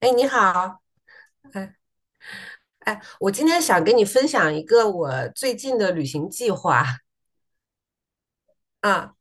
哎，你好。哎，哎，我今天想跟你分享一个我最近的旅行计划。啊，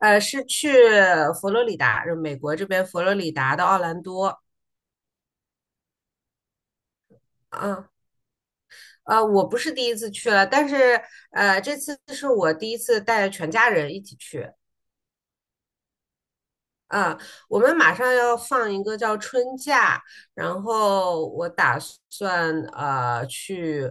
是去佛罗里达，就美国这边佛罗里达的奥兰多。啊，我不是第一次去了，但是这次是我第一次带全家人一起去。啊，我们马上要放一个叫春假，然后我打算去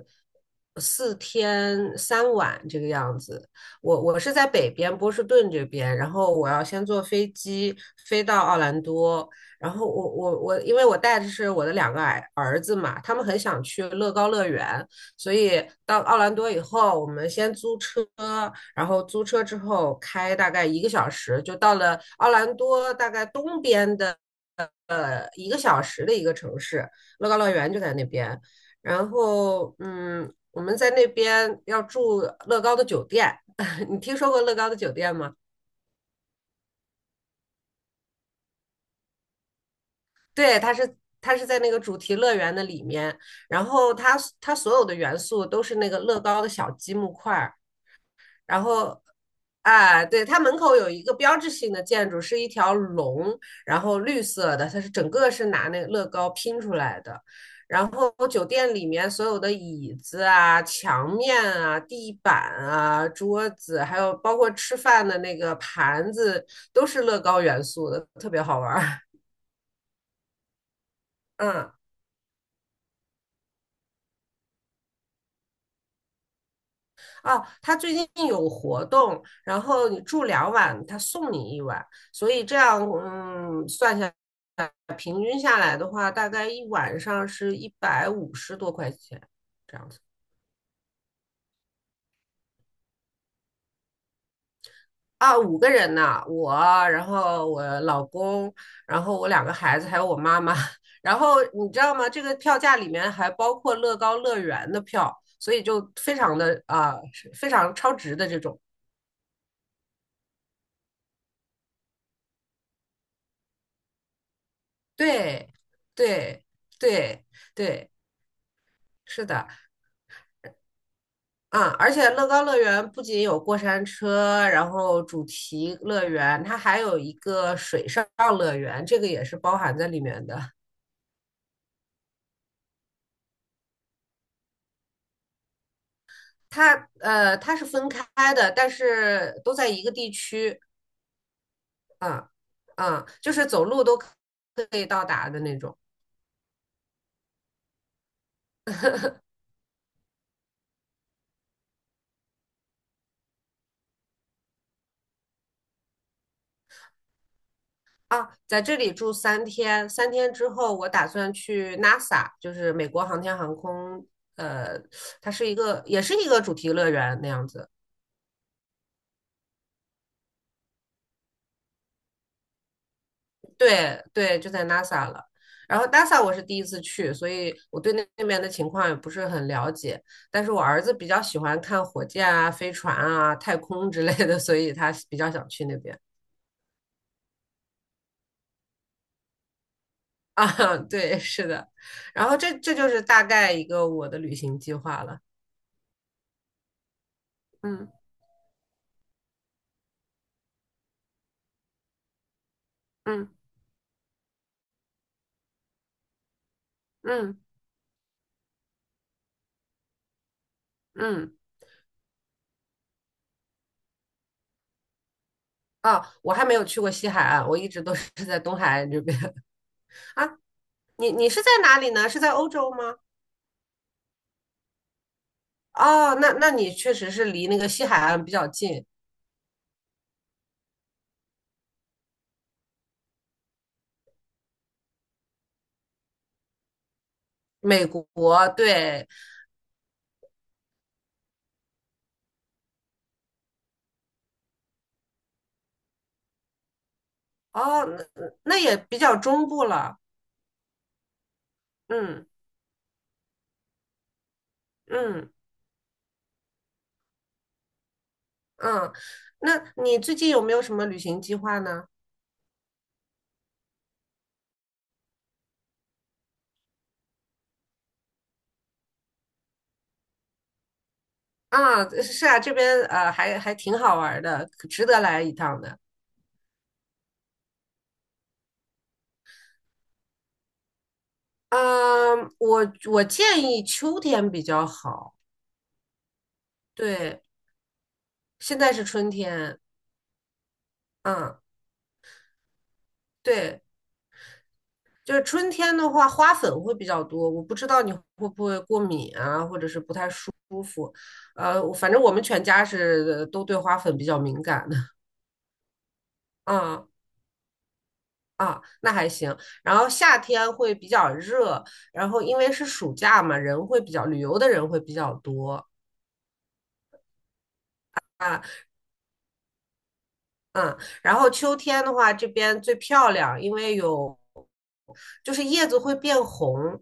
4天3晚这个样子。我是在北边波士顿这边，然后我要先坐飞机飞到奥兰多。然后我我我，因为我带的是我的两个儿子嘛，他们很想去乐高乐园，所以到奥兰多以后，我们先租车，然后租车之后开大概一个小时，就到了奥兰多大概东边的一个小时的一个城市，乐高乐园就在那边。然后我们在那边要住乐高的酒店。你听说过乐高的酒店吗？对，它是在那个主题乐园的里面。然后它所有的元素都是那个乐高的小积木块儿。然后，啊，对，它门口有一个标志性的建筑，是一条龙，然后绿色的，它是整个是拿那个乐高拼出来的。然后酒店里面所有的椅子啊、墙面啊、地板啊、桌子，还有包括吃饭的那个盘子，都是乐高元素的，特别好玩儿。嗯。哦，他最近有活动，然后你住两晚，他送你一晚，所以这样，算下来，平均下来的话，大概一晚上是150多块钱，这样子。啊，五个人呢，我，然后我老公，然后我两个孩子，还有我妈妈。然后你知道吗？这个票价里面还包括乐高乐园的票，所以就非常的啊，是非常超值的这种。对，对，对。对，是的。嗯，而且乐高乐园不仅有过山车，然后主题乐园，它还有一个水上乐园，这个也是包含在里面的。它它是分开的，但是都在一个地区。嗯嗯，就是走路都可以到达的那种。啊，在这里住3天，3天之后我打算去 NASA,就是美国航天航空。呃，它是一个也是一个主题乐园那样子。对对，就在 NASA 了。然后 NASA 我是第一次去，所以我对那边的情况也不是很了解。但是我儿子比较喜欢看火箭啊、飞船啊、太空之类的。所以他比较想去那边。啊。对，是的。然后这就是大概一个我的旅行计划了。嗯嗯嗯嗯。啊，我还没有去过西海岸，我一直都是在东海岸这边。 啊。你是在哪里呢？是在欧洲吗？哦，那你确实是离那个西海岸比较近。美国。对。哦，那也比较中部了。嗯嗯嗯，那你最近有没有什么旅行计划呢？啊，是啊，这边还挺好玩儿的，可值得来一趟的。嗯，我建议秋天比较好。对，现在是春天。嗯。对。就是春天的话，花粉会比较多，我不知道你会不会过敏啊，或者是不太舒服。我反正我们全家是都对花粉比较敏感的。嗯啊，那还行。然后夏天会比较热，然后因为是暑假嘛，人会比较旅游的人会比较多啊。嗯。然后秋天的话，这边最漂亮，因为有就是叶子会变红。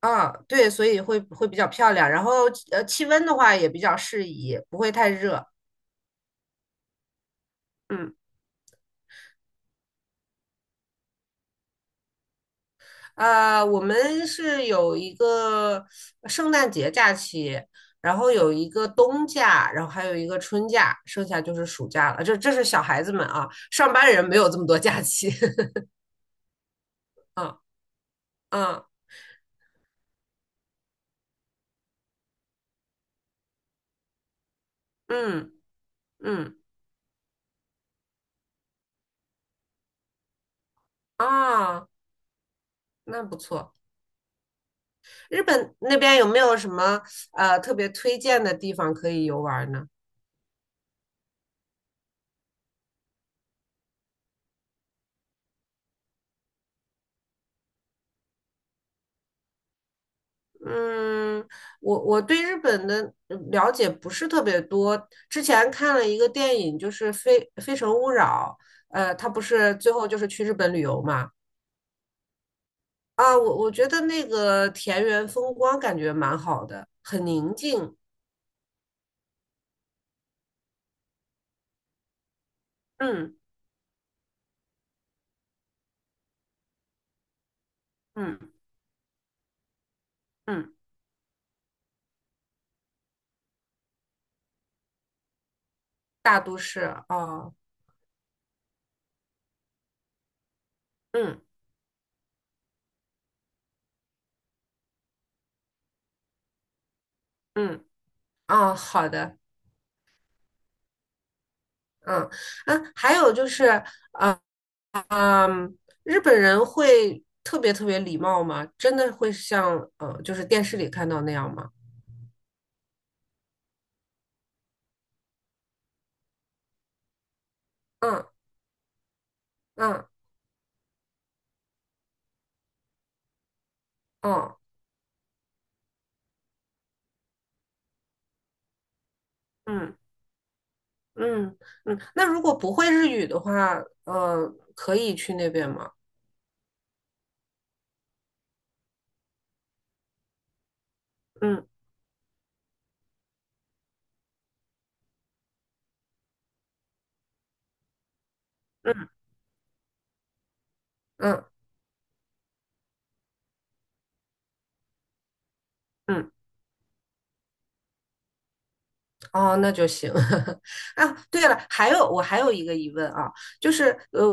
啊，对，所以会比较漂亮。然后气温的话也比较适宜，不会太热。嗯。我们是有一个圣诞节假期，然后有一个冬假，然后还有一个春假，剩下就是暑假了。这是小孩子们啊，上班人没有这么多假期。嗯嗯嗯嗯啊，那不错。日本那边有没有什么特别推荐的地方可以游玩呢？嗯，我对日本的了解不是特别多。之前看了一个电影，就是非《非诚勿扰》。他不是最后就是去日本旅游嘛？啊，我觉得那个田园风光感觉蛮好的，很宁静。嗯嗯嗯，大都市。哦，嗯嗯。哦，好的。嗯啊，还有就是。呃嗯，日本人会特别特别礼貌吗？真的会像就是电视里看到那样吗？嗯嗯嗯嗯嗯嗯。那如果不会日语的话，呃，可以去那边吗？嗯嗯嗯嗯。哦，那就行。啊，对了，还有我还有一个疑问啊，就是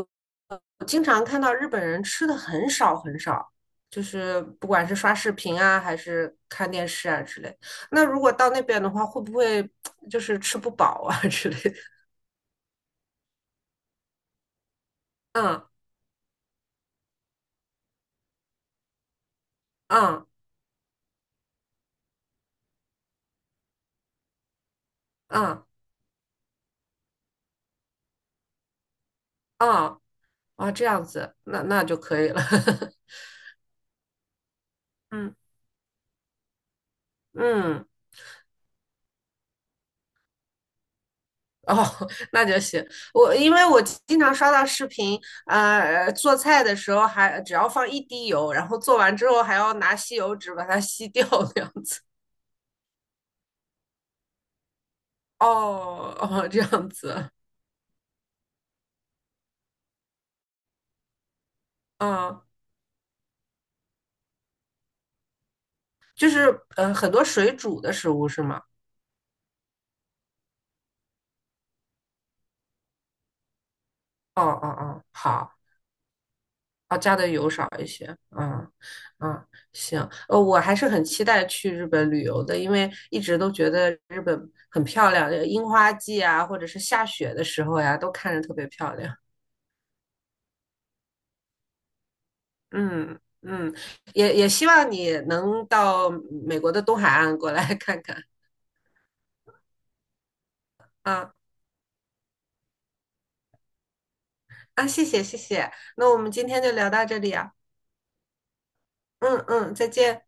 我经常看到日本人吃的很少很少，就是不管是刷视频啊，还是看电视啊之类。那如果到那边的话，会不会就是吃不饱啊 之类的？嗯嗯嗯嗯。啊，这样子，那就可以了。嗯嗯。哦。那就行。我因为我经常刷到视频。做菜的时候还只要放一滴油，然后做完之后还要拿吸油纸把它吸掉那样子。哦哦，这样子。嗯，就是很多水煮的食物是吗？哦哦哦，好。哦，加的油少一些。嗯嗯。行。我还是很期待去日本旅游的，因为一直都觉得日本很漂亮，樱花季啊，或者是下雪的时候呀，都看着特别漂亮。嗯嗯。也希望你能到美国的东海岸过来看看。啊。啊，谢谢谢谢。那我们今天就聊到这里啊。嗯嗯，再见。